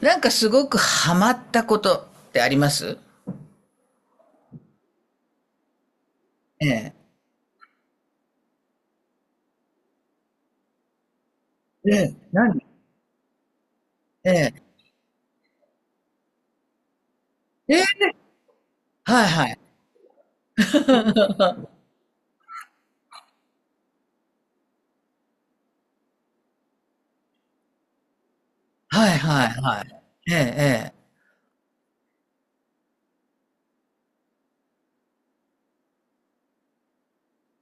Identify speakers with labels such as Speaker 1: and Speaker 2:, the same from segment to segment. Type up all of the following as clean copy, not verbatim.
Speaker 1: なんかすごくハマったことってあります？ええ。ええ、何？ええ。ええ、はいはい。はいはいはい。ええ、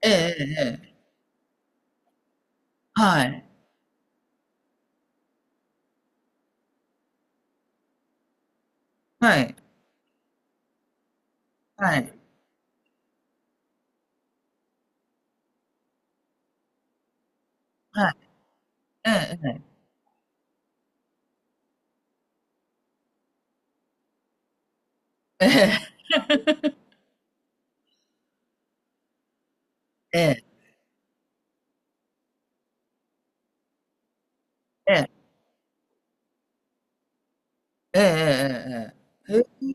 Speaker 1: ええ。ええ、ええ、ええ。はい。はい。はい。はい。ええ、ええ。ええ、ええ。ええ、ええ、ええ、ええ。え、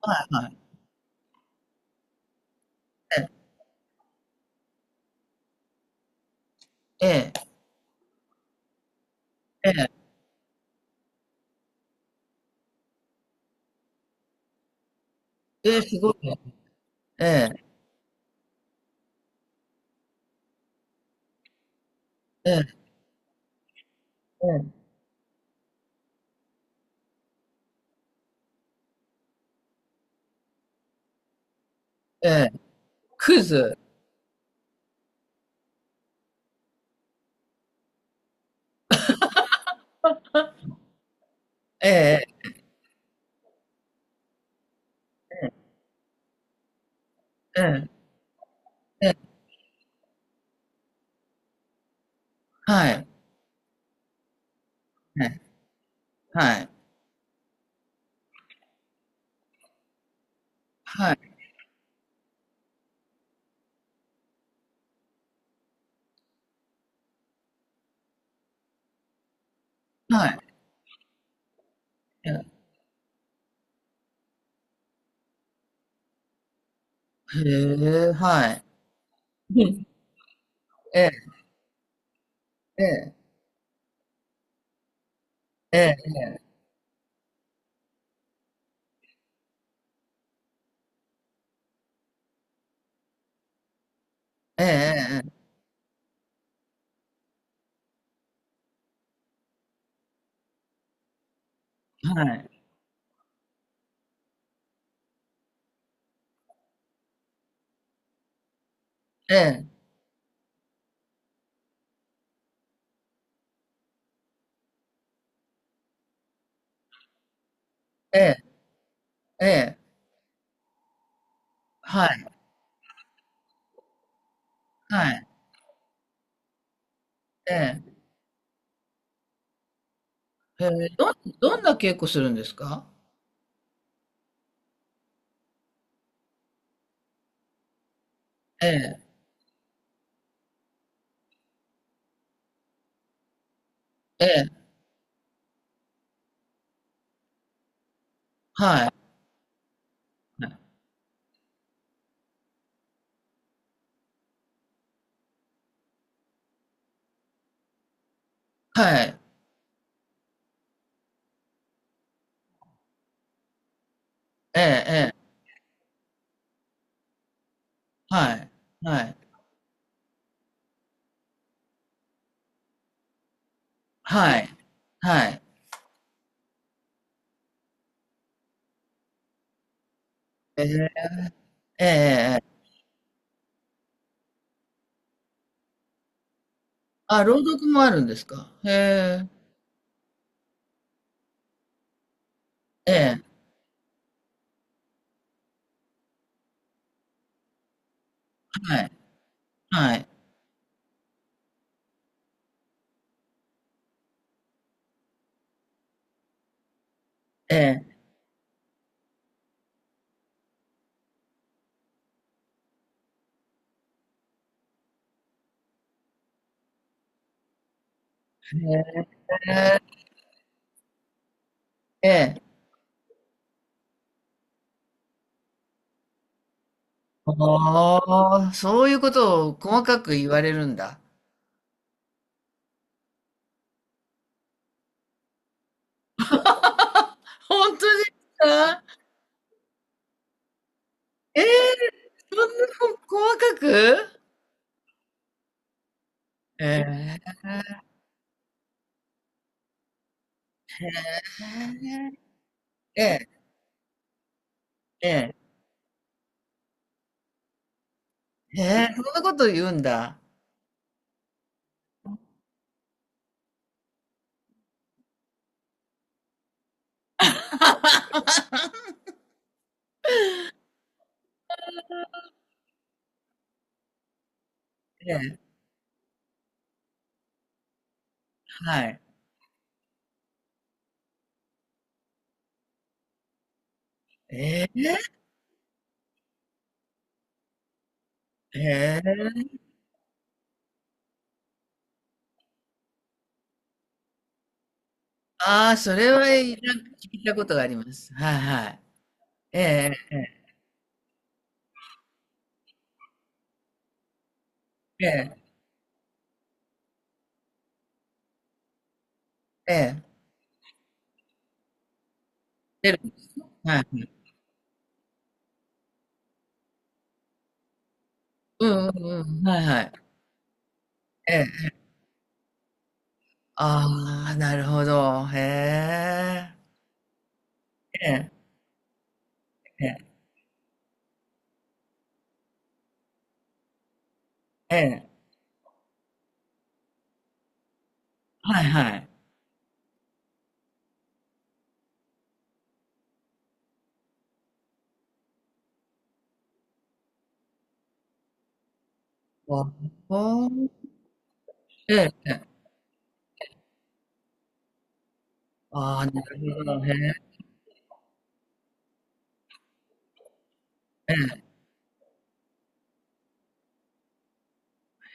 Speaker 1: はいはい。ええ、ええ、ええ。ええ、すごいね。ええ、ええ、ええ、ええ。クイズ。ええ、ええ、ええ、はい。はい。はい。はい。はい。ええ、へえ、はい。うん。ええ、ええ、ええ、ええええ、はい。ええ、ええ、ええ、はい、はい、ええ。へえ、どんな稽古するんですか？ええ、ええ、はい、はい、ええ、ええ、はい、はい、はい、はい。ええ、ええええええあ、朗読もあるんですか？へえ。ええ、はい、はい、ええ、ええ、え。ああ、そういうことを細かく言われるんだ。本当ですか？ええ、そんな細かく？ええ、ええ、ええ、ええ、そんなこと言うんだ。ええ、はい。ええ、ええ、ああ、それは、なんか聞いたことがあります。はいはい。ええ、ええ、ええ、出る。はい。うんうんうん、はいはい。ええ。ああ、なるほど。へえ。ええ、ええ、ええ、はいはい。あ、ほお。ええ、ええ。ああ、なるほど、へえ。え。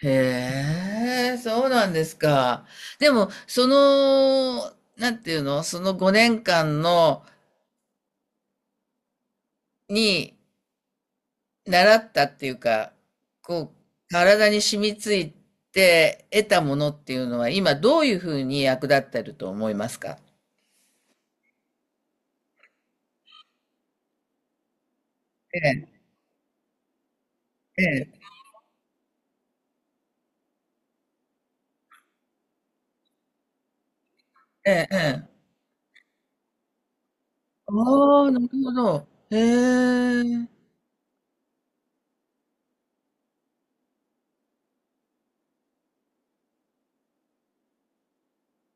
Speaker 1: へえ、そうなんですか？でも、その、なんていうの、その5年間の、に習ったっていうか、こう、体に染みついて得たものっていうのは、今どういうふうに役立ってると思いますか？ええ、ええ、ええ、ええ。ああ、なるほど。へえ、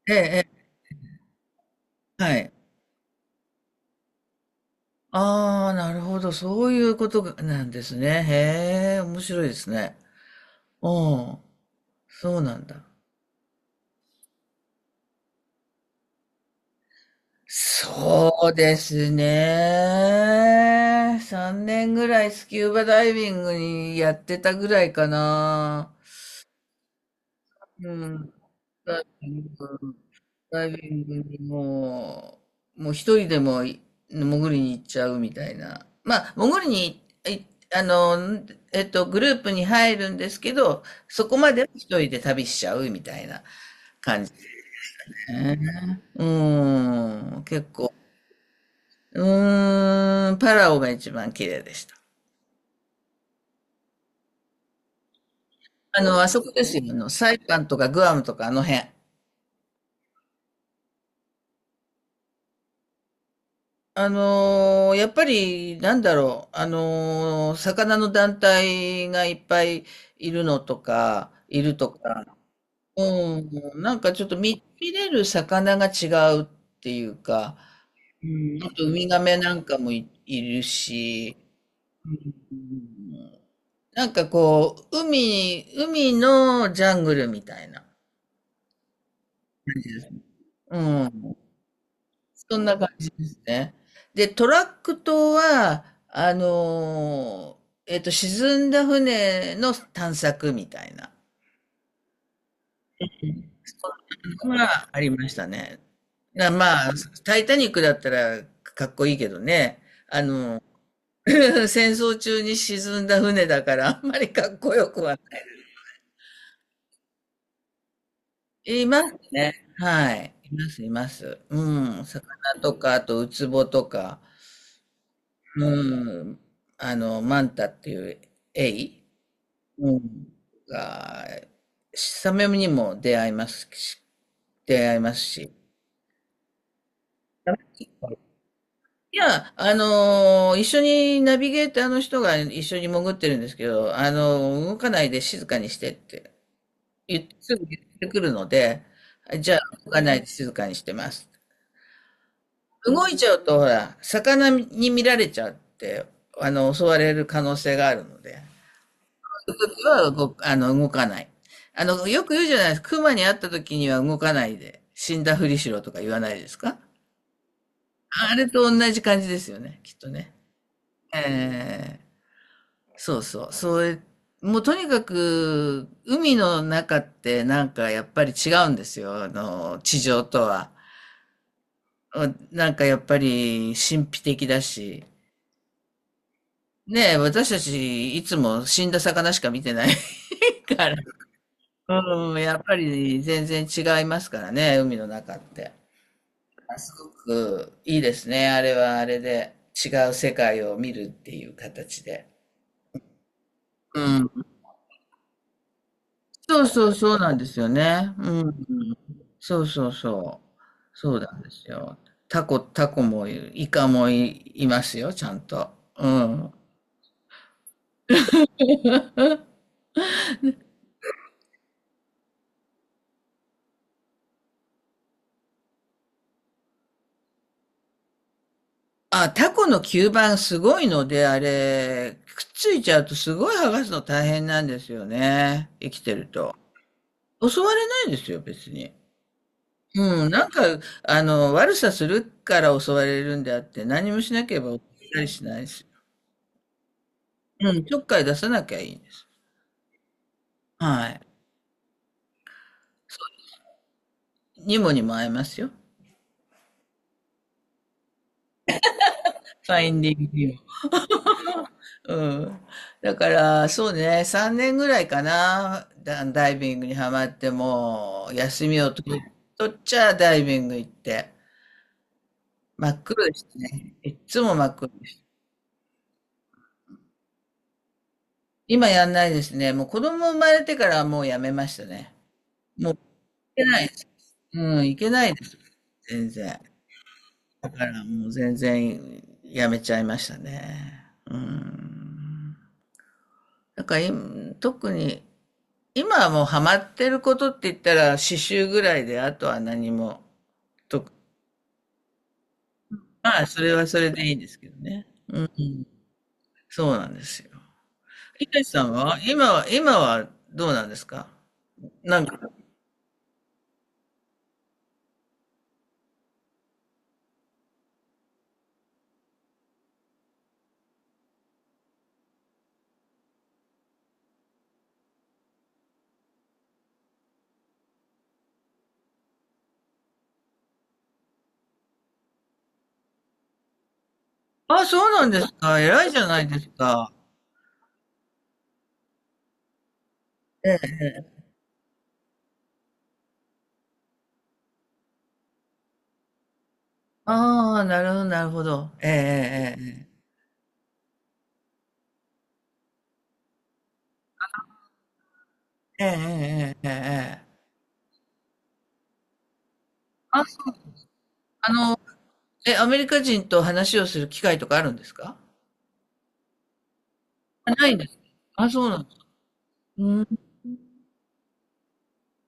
Speaker 1: ええ、ええ、はい。ああ、なるほど。そういうことがなんですね。へえ、面白いですね。うん。そうなんだ。そうですね。3年ぐらいスキューバダイビングにやってたぐらいかな。うん。ダイビング、ダイビングにもう一人でも潜りに行っちゃうみたいな。まあ、潜りに、いあの、グループに入るんですけど、そこまでは一人で旅しちゃうみたいな感じね。うん。結構。うーん、パラオが一番綺麗でした。あの、あそこですよ。あの、サイパンとかグアムとかあの辺。やっぱり、なんだろう、魚の団体がいっぱいいるのとか、いるとか、うん、なんかちょっと見れる魚が違うっていうか、うん、あとウミガメなんかもいるし、うん、なんかこう、海のジャングルみたいな。うん。そんな感じですね。で、トラック島は、沈んだ船の探索みたいな、そんなのがありましたね。な、まあ、タイタニックだったらかっこいいけどね、あの、戦争中に沈んだ船だから、あんまりかっこよくはない。いますね。はい。います、います。うん。魚とか、あと、ウツボとか、うん。あの、マンタっていうエイ。うん。が、サメにも出会いますし、出会いますし。いや、一緒にナビゲーターの人が一緒に潜ってるんですけど、動かないで静かにしてって言って、すぐ言ってくるので、じゃあ動かないで静かにしてます。動いちゃうと、ほら、魚に見られちゃって、あの、襲われる可能性があるので。は動く、あの、動かない。あの、よく言うじゃないですか。熊に会った時には動かないで、死んだふりしろとか言わないですか？あれと同じ感じですよね、きっとね。ええ。そうそう。それ、もうとにかく、海の中ってなんかやっぱり違うんですよ。あの、地上とは。うん。なんかやっぱり神秘的だし。ねえ、私たちいつも死んだ魚しか見てないから。うん、やっぱり全然違いますからね、海の中って。あすごくいいですね、あれはあれで。違う世界を見るっていう形で。うん。そうそうそうなんですよね。うん。そうそうそう。そうなんですよ。タコもいる、イカもいますよ、ちゃんと。うん。あ、タコの吸盤すごいので、あれ、くっついちゃうとすごい剥がすの大変なんですよね。生きてると。襲われないですよ、別に。うん、なんか、あの、悪さするから襲われるんであって、何もしなければ襲われたりしないし。うん、ちょっかい出さなきゃいいんです。はい。にもにも会えますよ。ファインディングにも。うん。だから、そうね、3年ぐらいかな、ダイビングにはまって、もう、休みを取っちゃダイビング行って、真っ黒でしたね。いっつも真っ黒です。今やんないですね。もう子供生まれてからはもうやめましたね。けないです。うん、いけないです、全然。だからもう全然やめちゃいましたね。うん。だから今、特に、今はもうハマってることって言ったら刺繍ぐらいで、あとは何も、と、まあ、それはそれでいいんですけどね。そうなんですよ。いかしさんは今は、今はどうなんですか？なんか、あ、そうなんですか？偉いじゃないですか。ああ、なるほど、なるほど。ええええええええええええええ。あの、え、アメリカ人と話をする機会とかあるんですか？あないんです。あ、そうなんです。うん、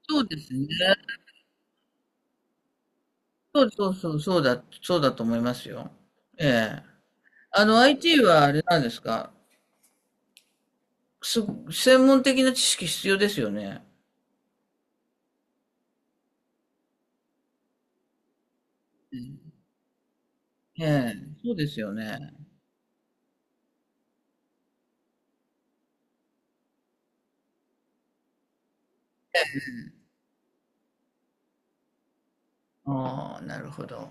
Speaker 1: そうですね。そうそうそう、そうだ、そうだと思いますよ。ええ。あの、IT はあれなんですか？す、専門的な知識必要ですよね。ええ、そうですよね。ああ、なるほど。